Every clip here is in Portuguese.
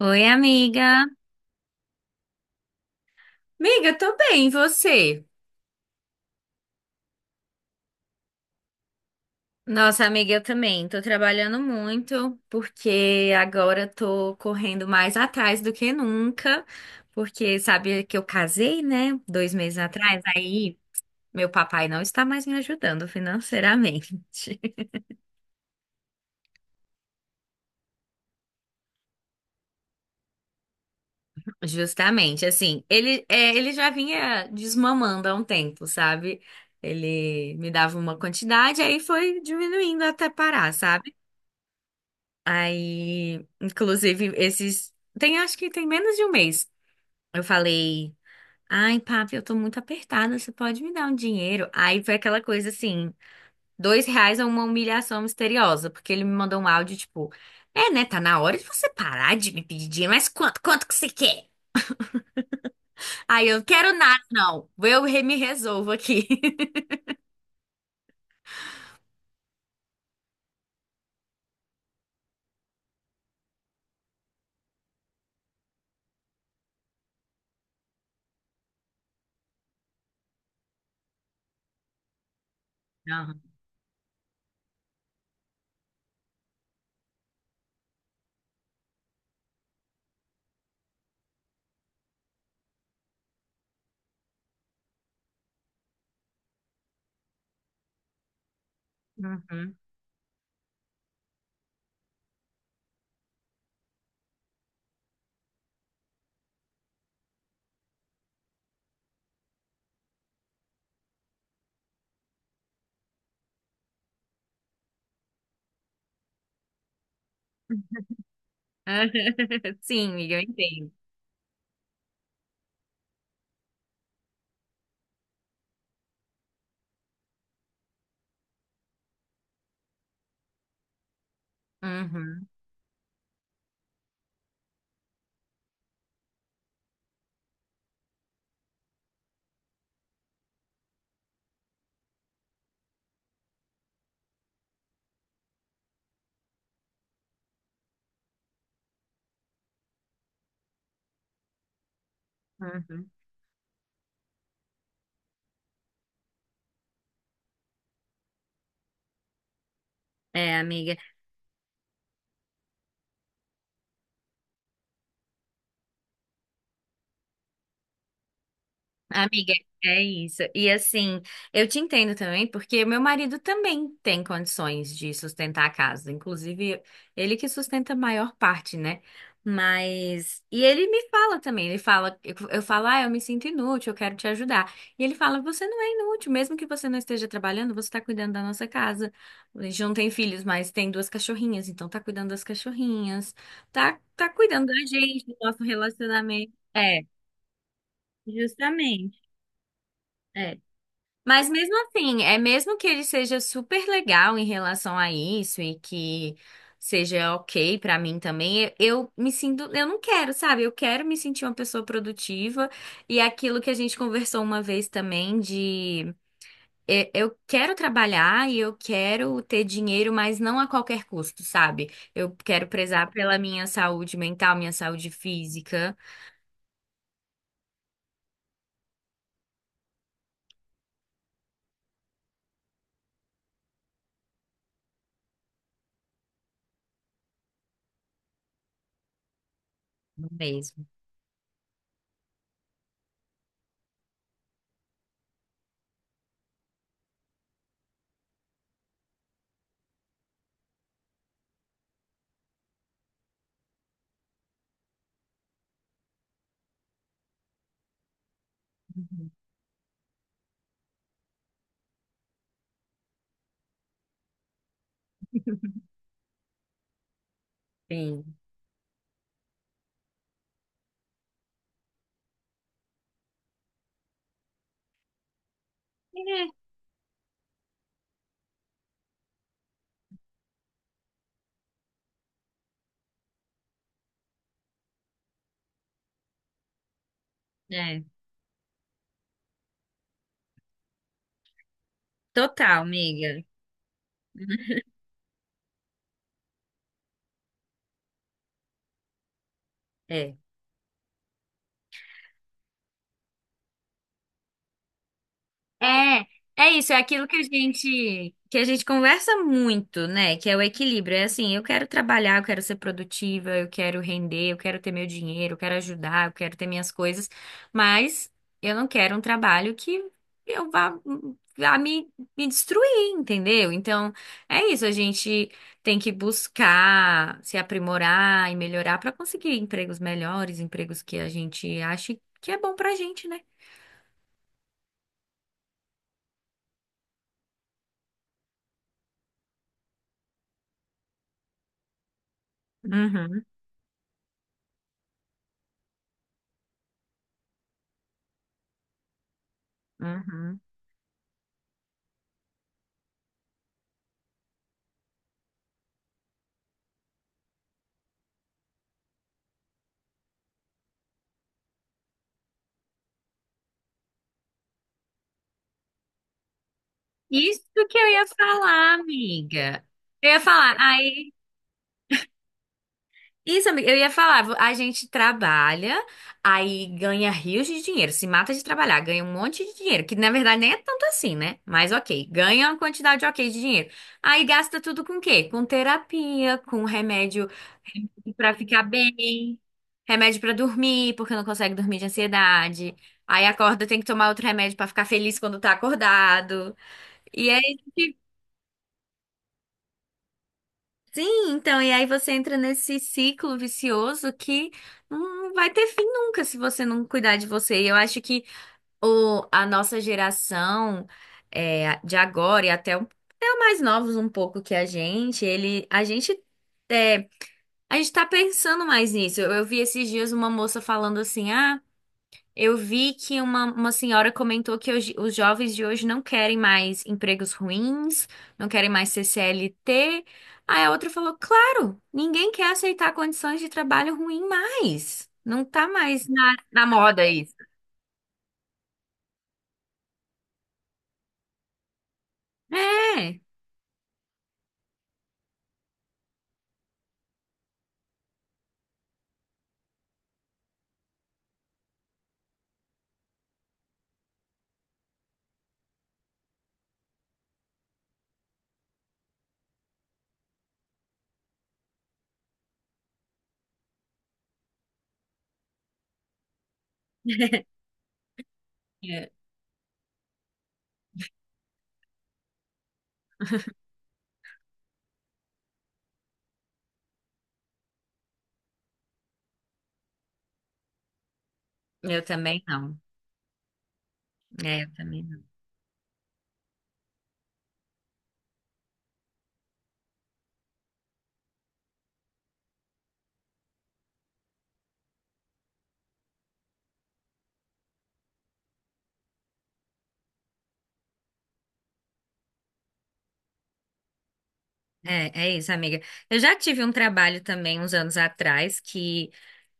Oi, amiga. Amiga, tô bem, e você? Nossa, amiga, eu também. Tô trabalhando muito, porque agora tô correndo mais atrás do que nunca, porque sabe que eu casei, né? 2 meses atrás, aí meu papai não está mais me ajudando financeiramente. Justamente, assim, ele já vinha desmamando há um tempo, sabe? Ele me dava uma quantidade, aí foi diminuindo até parar, sabe? Aí, inclusive, esses. Tem, acho que tem menos de um mês. Eu falei, ai, papi, eu tô muito apertada, você pode me dar um dinheiro? Aí foi aquela coisa assim, R$ 2 é uma humilhação misteriosa, porque ele me mandou um áudio tipo, né, tá na hora de você parar de me pedir dinheiro, mas quanto que você quer? Aí eu, quero nada, não, eu me resolvo aqui. Aham. Uhum. Sim, amiga, eu entendo. Uhum, uhum. É, amiga. Amiga, é isso. E assim, eu te entendo também, porque meu marido também tem condições de sustentar a casa. Inclusive, ele que sustenta a maior parte, né? Mas. E ele me fala também, ele fala, eu falo, ah, eu me sinto inútil, eu quero te ajudar. E ele fala, você não é inútil, mesmo que você não esteja trabalhando, você está cuidando da nossa casa. A gente não tem filhos, mas tem duas cachorrinhas, então tá cuidando das cachorrinhas, tá cuidando da gente, do nosso relacionamento. É, justamente. É. Mas mesmo assim, é mesmo que ele seja super legal em relação a isso e que seja ok pra mim também, eu me sinto, eu não quero, sabe? Eu quero me sentir uma pessoa produtiva e é aquilo que a gente conversou uma vez também de eu quero trabalhar e eu quero ter dinheiro, mas não a qualquer custo, sabe? Eu quero prezar pela minha saúde mental, minha saúde física. Mesmo. Sim. É, é. Total, amiga. É. É, é isso, é aquilo que a gente conversa muito, né? Que é o equilíbrio. É assim, eu quero trabalhar, eu quero ser produtiva, eu quero render, eu quero ter meu dinheiro, eu quero ajudar, eu quero ter minhas coisas, mas eu não quero um trabalho que eu vá me destruir, entendeu? Então, é isso, a gente tem que buscar se aprimorar e melhorar para conseguir empregos melhores, empregos que a gente ache que é bom pra gente, né? Uhum, uhum. Isso que eu ia falar, amiga. Eu ia falar, aí, isso, amiga, eu ia falar, a gente trabalha, aí ganha rios de dinheiro, se mata de trabalhar, ganha um monte de dinheiro, que na verdade nem é tanto assim, né? Mas ok, ganha uma quantidade ok de dinheiro. Aí gasta tudo com o quê? Com terapia, com remédio pra ficar bem, remédio pra dormir, porque não consegue dormir de ansiedade. Aí acorda, tem que tomar outro remédio pra ficar feliz quando tá acordado. E aí. Sim, então, e aí você entra nesse ciclo vicioso que não vai ter fim nunca se você não cuidar de você. E eu acho que a nossa geração de agora e até, até os mais novos um pouco que a gente, ele, a gente, é, a gente tá pensando mais nisso. Eu vi esses dias uma moça falando assim, ah. Eu vi que uma senhora comentou que hoje, os jovens de hoje não querem mais empregos ruins, não querem mais ser CLT. Aí a outra falou: claro, ninguém quer aceitar condições de trabalho ruim mais. Não tá mais na moda isso. É. É. Eu também não. É, eu também não. É, é isso, amiga. Eu já tive um trabalho também uns anos atrás que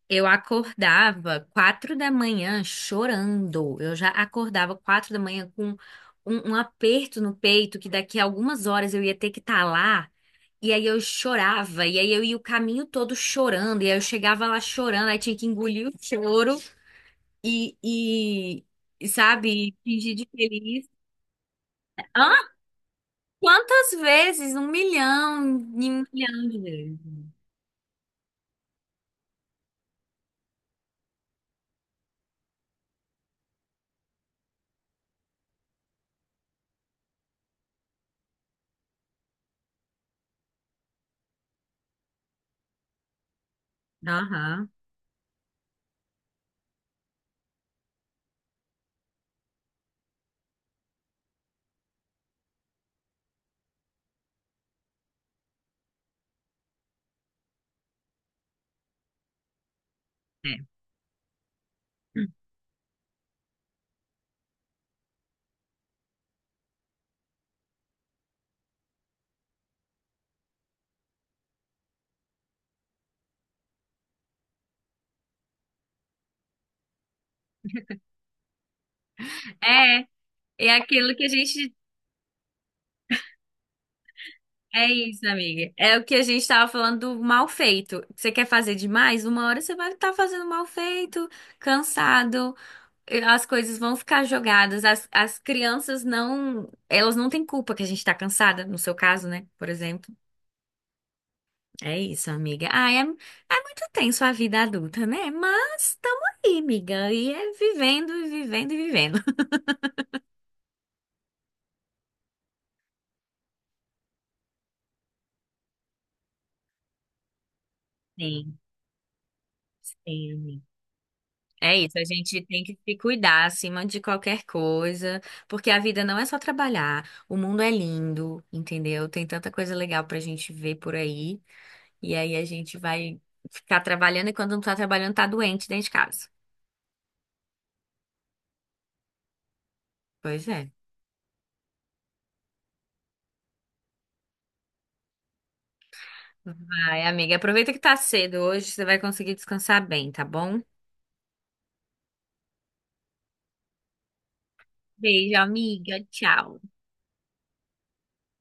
eu acordava 4 da manhã chorando. Eu já acordava 4 da manhã com um aperto no peito que daqui a algumas horas eu ia ter que estar lá. E aí eu chorava, e aí eu ia o caminho todo chorando, e aí eu chegava lá chorando, aí tinha que engolir o choro e, e sabe, fingir de feliz. Hã? Quantas vezes? 1 milhão, e 1 milhão de vezes. Aham. É. É, é aquilo que a gente. É isso, amiga. É o que a gente estava falando do mal feito. Você quer fazer demais? Uma hora você vai estar fazendo mal feito, cansado, e as coisas vão ficar jogadas. As crianças não. Elas não têm culpa que a gente está cansada, no seu caso, né? Por exemplo. É isso, amiga. Ah, é, é muito tenso a vida adulta, né? Mas estamos aí, amiga. E é vivendo, e vivendo, e vivendo. Sim, sim. É isso, a gente tem que se cuidar acima de qualquer coisa, porque a vida não é só trabalhar. O mundo é lindo, entendeu? Tem tanta coisa legal pra gente ver por aí, e aí a gente vai ficar trabalhando e quando não tá trabalhando tá doente dentro de casa. Pois é. Vai, amiga, aproveita que tá cedo hoje, você vai conseguir descansar bem, tá bom? Beijo, amiga. Tchau.